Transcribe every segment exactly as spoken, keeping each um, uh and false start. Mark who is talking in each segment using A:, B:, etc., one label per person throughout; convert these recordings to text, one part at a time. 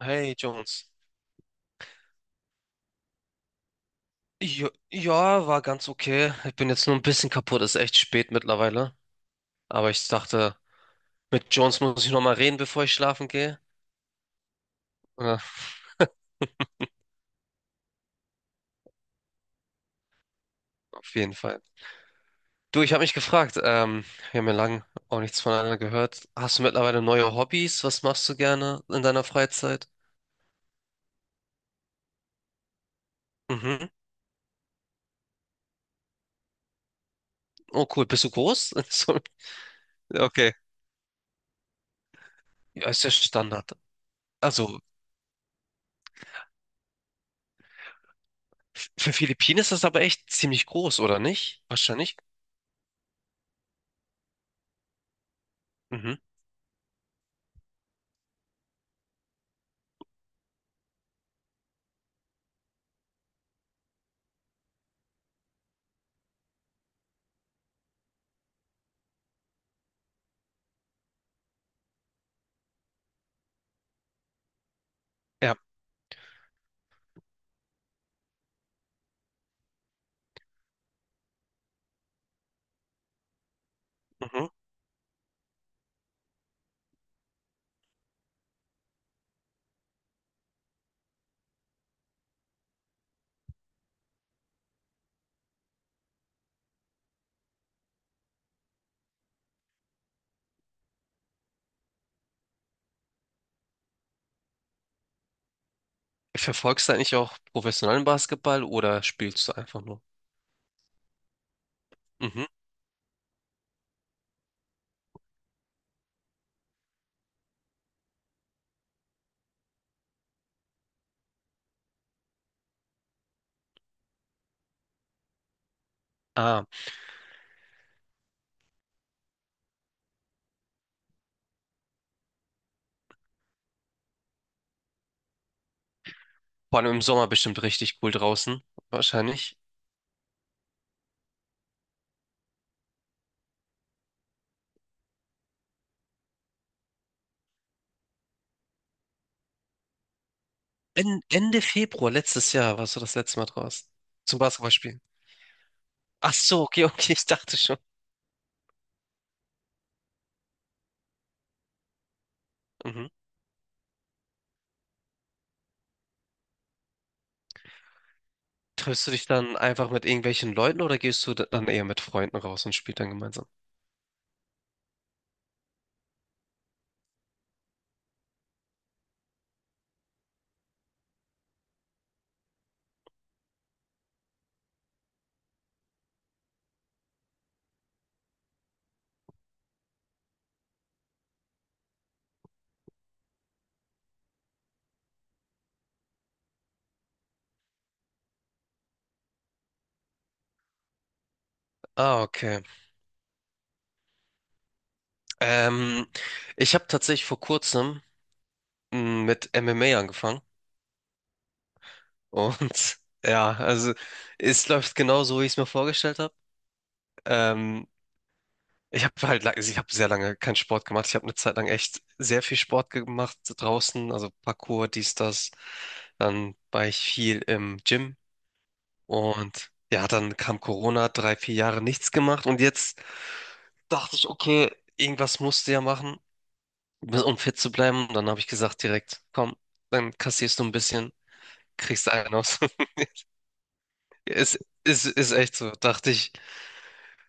A: Hey Jones. Jo ja, war ganz okay. Ich bin jetzt nur ein bisschen kaputt, ist echt spät mittlerweile. Aber ich dachte, mit Jones muss ich nochmal reden, bevor ich schlafen gehe. Ja, auf jeden Fall. Du, ich habe mich gefragt, ähm, wir haben ja lang auch nichts voneinander gehört. Hast du mittlerweile neue Hobbys? Was machst du gerne in deiner Freizeit? Mhm. Oh cool, bist du groß? So, ja, okay. Ja, ist ja Standard. Also, f- für Philippinen ist das aber echt ziemlich groß, oder nicht? Wahrscheinlich. Mhm. Ja. Mhm. Verfolgst du eigentlich auch professionellen Basketball oder spielst du einfach nur? Mhm. Ah, vor allem im Sommer bestimmt richtig cool draußen, wahrscheinlich. En Ende Februar letztes Jahr warst du das letzte Mal draußen zum Basketballspielen. Ach so, okay, okay, ich dachte schon. Mhm. Triffst du dich dann einfach mit irgendwelchen Leuten oder gehst du dann eher mit Freunden raus und spielt dann gemeinsam? Ah, okay. Ähm, ich habe tatsächlich vor kurzem m, mit M M A angefangen und ja, also es läuft genau so, wie ich es mir vorgestellt habe. Ähm, ich habe halt, lang- ich habe sehr lange keinen Sport gemacht. Ich habe eine Zeit lang echt sehr viel Sport gemacht draußen, also Parkour, dies, das. Dann war ich viel im Gym und ja, dann kam Corona, drei, vier Jahre nichts gemacht und jetzt dachte ich, okay, irgendwas musst du ja machen, um fit zu bleiben. Und dann habe ich gesagt direkt, komm, dann kassierst du ein bisschen, kriegst einen aus. Es ist, ist echt so, dachte ich.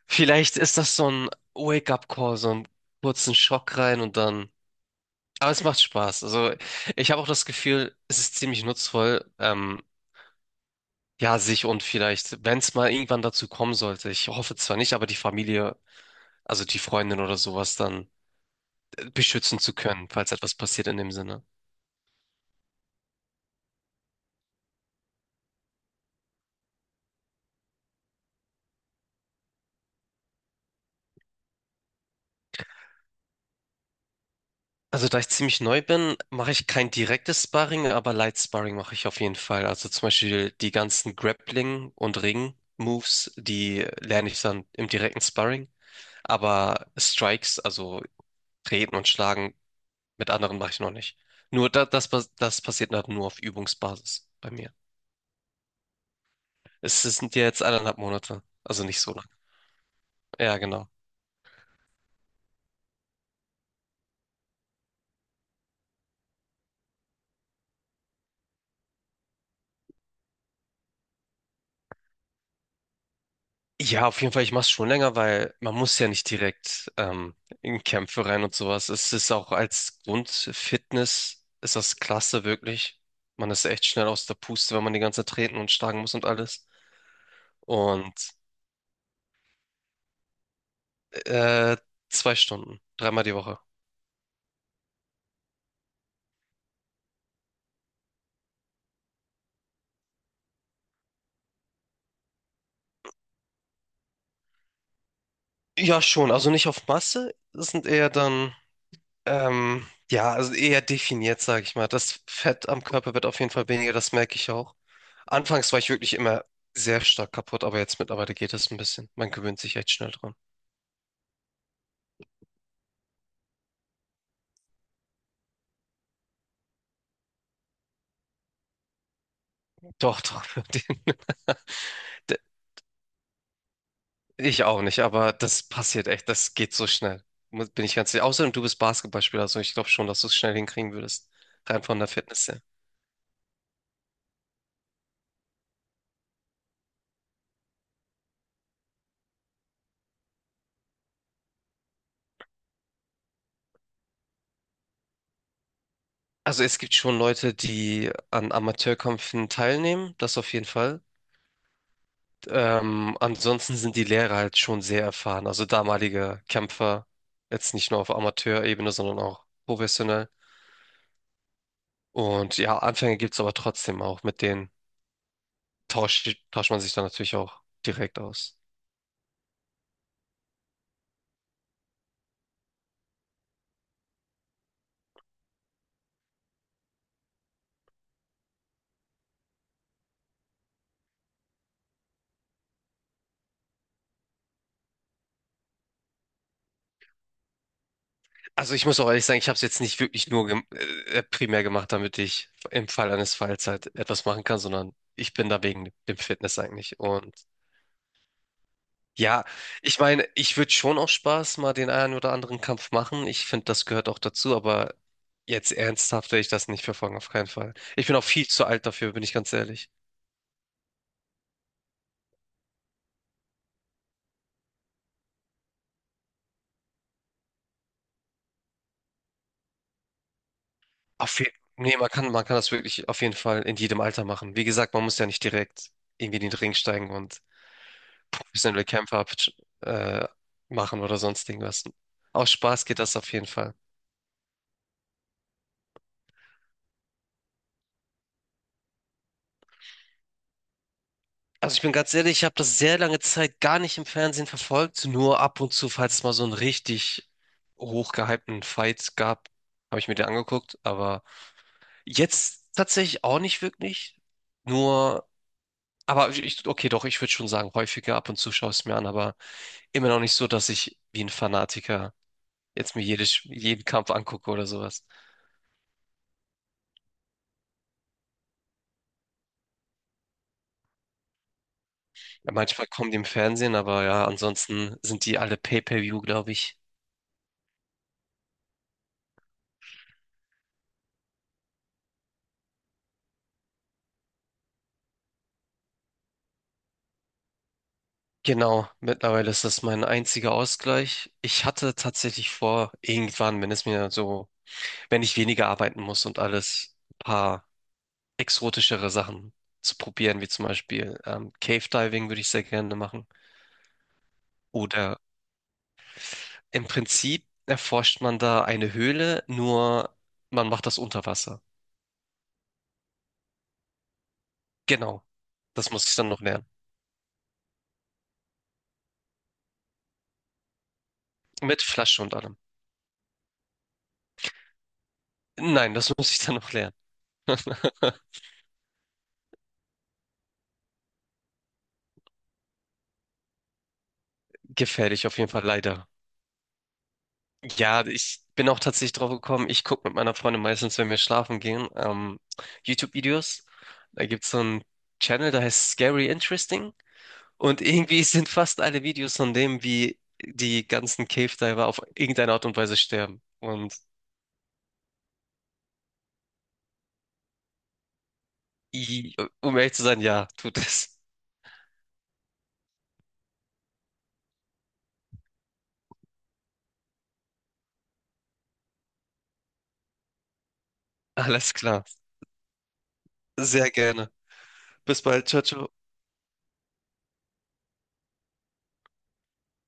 A: Vielleicht ist das so ein Wake-up-Call, so einen kurzen Schock rein und dann. Aber es macht Spaß. Also ich habe auch das Gefühl, es ist ziemlich nutzvoll, ähm, ja, sich und vielleicht, wenn es mal irgendwann dazu kommen sollte, ich hoffe zwar nicht, aber die Familie, also die Freundin oder sowas dann äh, beschützen zu können, falls etwas passiert in dem Sinne. Also da ich ziemlich neu bin, mache ich kein direktes Sparring, aber Light Sparring mache ich auf jeden Fall. Also zum Beispiel die ganzen Grappling- und Ring-Moves, die lerne ich dann im direkten Sparring. Aber Strikes, also Treten und Schlagen, mit anderen mache ich noch nicht. Nur da, das, pas- das passiert halt nur auf Übungsbasis bei mir. Es sind ja jetzt eineinhalb Monate, also nicht so lang. Ja, genau. Ja, auf jeden Fall, ich mache es schon länger, weil man muss ja nicht direkt ähm, in Kämpfe rein und sowas. Es ist auch als Grundfitness, ist das klasse wirklich. Man ist echt schnell aus der Puste, wenn man die ganze Zeit treten und schlagen muss und alles. Und äh, zwei Stunden, dreimal die Woche. Ja, schon. Also nicht auf Masse. Das sind eher dann ähm, ja, also eher definiert, sage ich mal. Das Fett am Körper wird auf jeden Fall weniger, das merke ich auch. Anfangs war ich wirklich immer sehr stark kaputt, aber jetzt mittlerweile geht es ein bisschen. Man gewöhnt sich echt schnell dran. Doch, doch. den- de- Ich auch nicht, aber das passiert echt, das geht so schnell. Mu- Bin ich ganz sicher. Außerdem, du bist Basketballspieler, also ich glaube schon, dass du es schnell hinkriegen würdest. Rein von der Fitness her. Also es gibt schon Leute, die an Amateurkämpfen teilnehmen, das auf jeden Fall. Ähm, ansonsten sind die Lehrer halt schon sehr erfahren. Also damalige Kämpfer, jetzt nicht nur auf Amateurebene, sondern auch professionell. Und ja, Anfänge gibt es aber trotzdem auch. Mit denen tauscht, tauscht man sich dann natürlich auch direkt aus. Also ich muss auch ehrlich sagen, ich habe es jetzt nicht wirklich nur gem äh, äh, primär gemacht, damit ich im Fall eines Falls halt etwas machen kann, sondern ich bin da wegen dem Fitness eigentlich. Und ja, ich meine, ich würde schon auch Spaß mal den einen oder anderen Kampf machen. Ich finde, das gehört auch dazu, aber jetzt ernsthaft werde ich das nicht verfolgen, auf keinen Fall. Ich bin auch viel zu alt dafür, bin ich ganz ehrlich. Auf jeden, nee, man kann, man kann das wirklich auf jeden Fall in jedem Alter machen. Wie gesagt, man muss ja nicht direkt irgendwie in den Ring steigen und professionelle Kämpfe ab, äh, machen oder sonst irgendwas. Aus Spaß geht das auf jeden Fall. Also ich bin ganz ehrlich, ich habe das sehr lange Zeit gar nicht im Fernsehen verfolgt, nur ab und zu, falls es mal so einen richtig hochgehypten Fight gab, habe ich mir den angeguckt, aber jetzt tatsächlich auch nicht wirklich. Nur, aber ich, okay, doch, ich würde schon sagen, häufiger ab und zu schaue ich es mir an, aber immer noch nicht so, dass ich wie ein Fanatiker jetzt mir jedes, jeden Kampf angucke oder sowas. Ja, manchmal kommen die im Fernsehen, aber ja, ansonsten sind die alle Pay-per-view, glaube ich. Genau, mittlerweile ist das mein einziger Ausgleich. Ich hatte tatsächlich vor, irgendwann, wenn es mir so, wenn ich weniger arbeiten muss und alles, ein paar exotischere Sachen zu probieren, wie zum Beispiel ähm, Cave Diving würde ich sehr gerne machen. Oder im Prinzip erforscht man da eine Höhle, nur man macht das unter Wasser. Genau, das muss ich dann noch lernen. Mit Flasche und allem. Nein, das muss ich dann noch lernen. Gefährlich auf jeden Fall, leider. Ja, ich bin auch tatsächlich drauf gekommen. Ich gucke mit meiner Freundin meistens, wenn wir schlafen gehen, ähm, YouTube-Videos. Da gibt's so einen Channel, der heißt Scary Interesting. Und irgendwie sind fast alle Videos von dem, wie die ganzen Cave Diver auf irgendeine Art und Weise sterben. Und i- um ehrlich zu sein, ja, tut es. Alles klar. Sehr gerne. Bis bald. Ciao, ciao.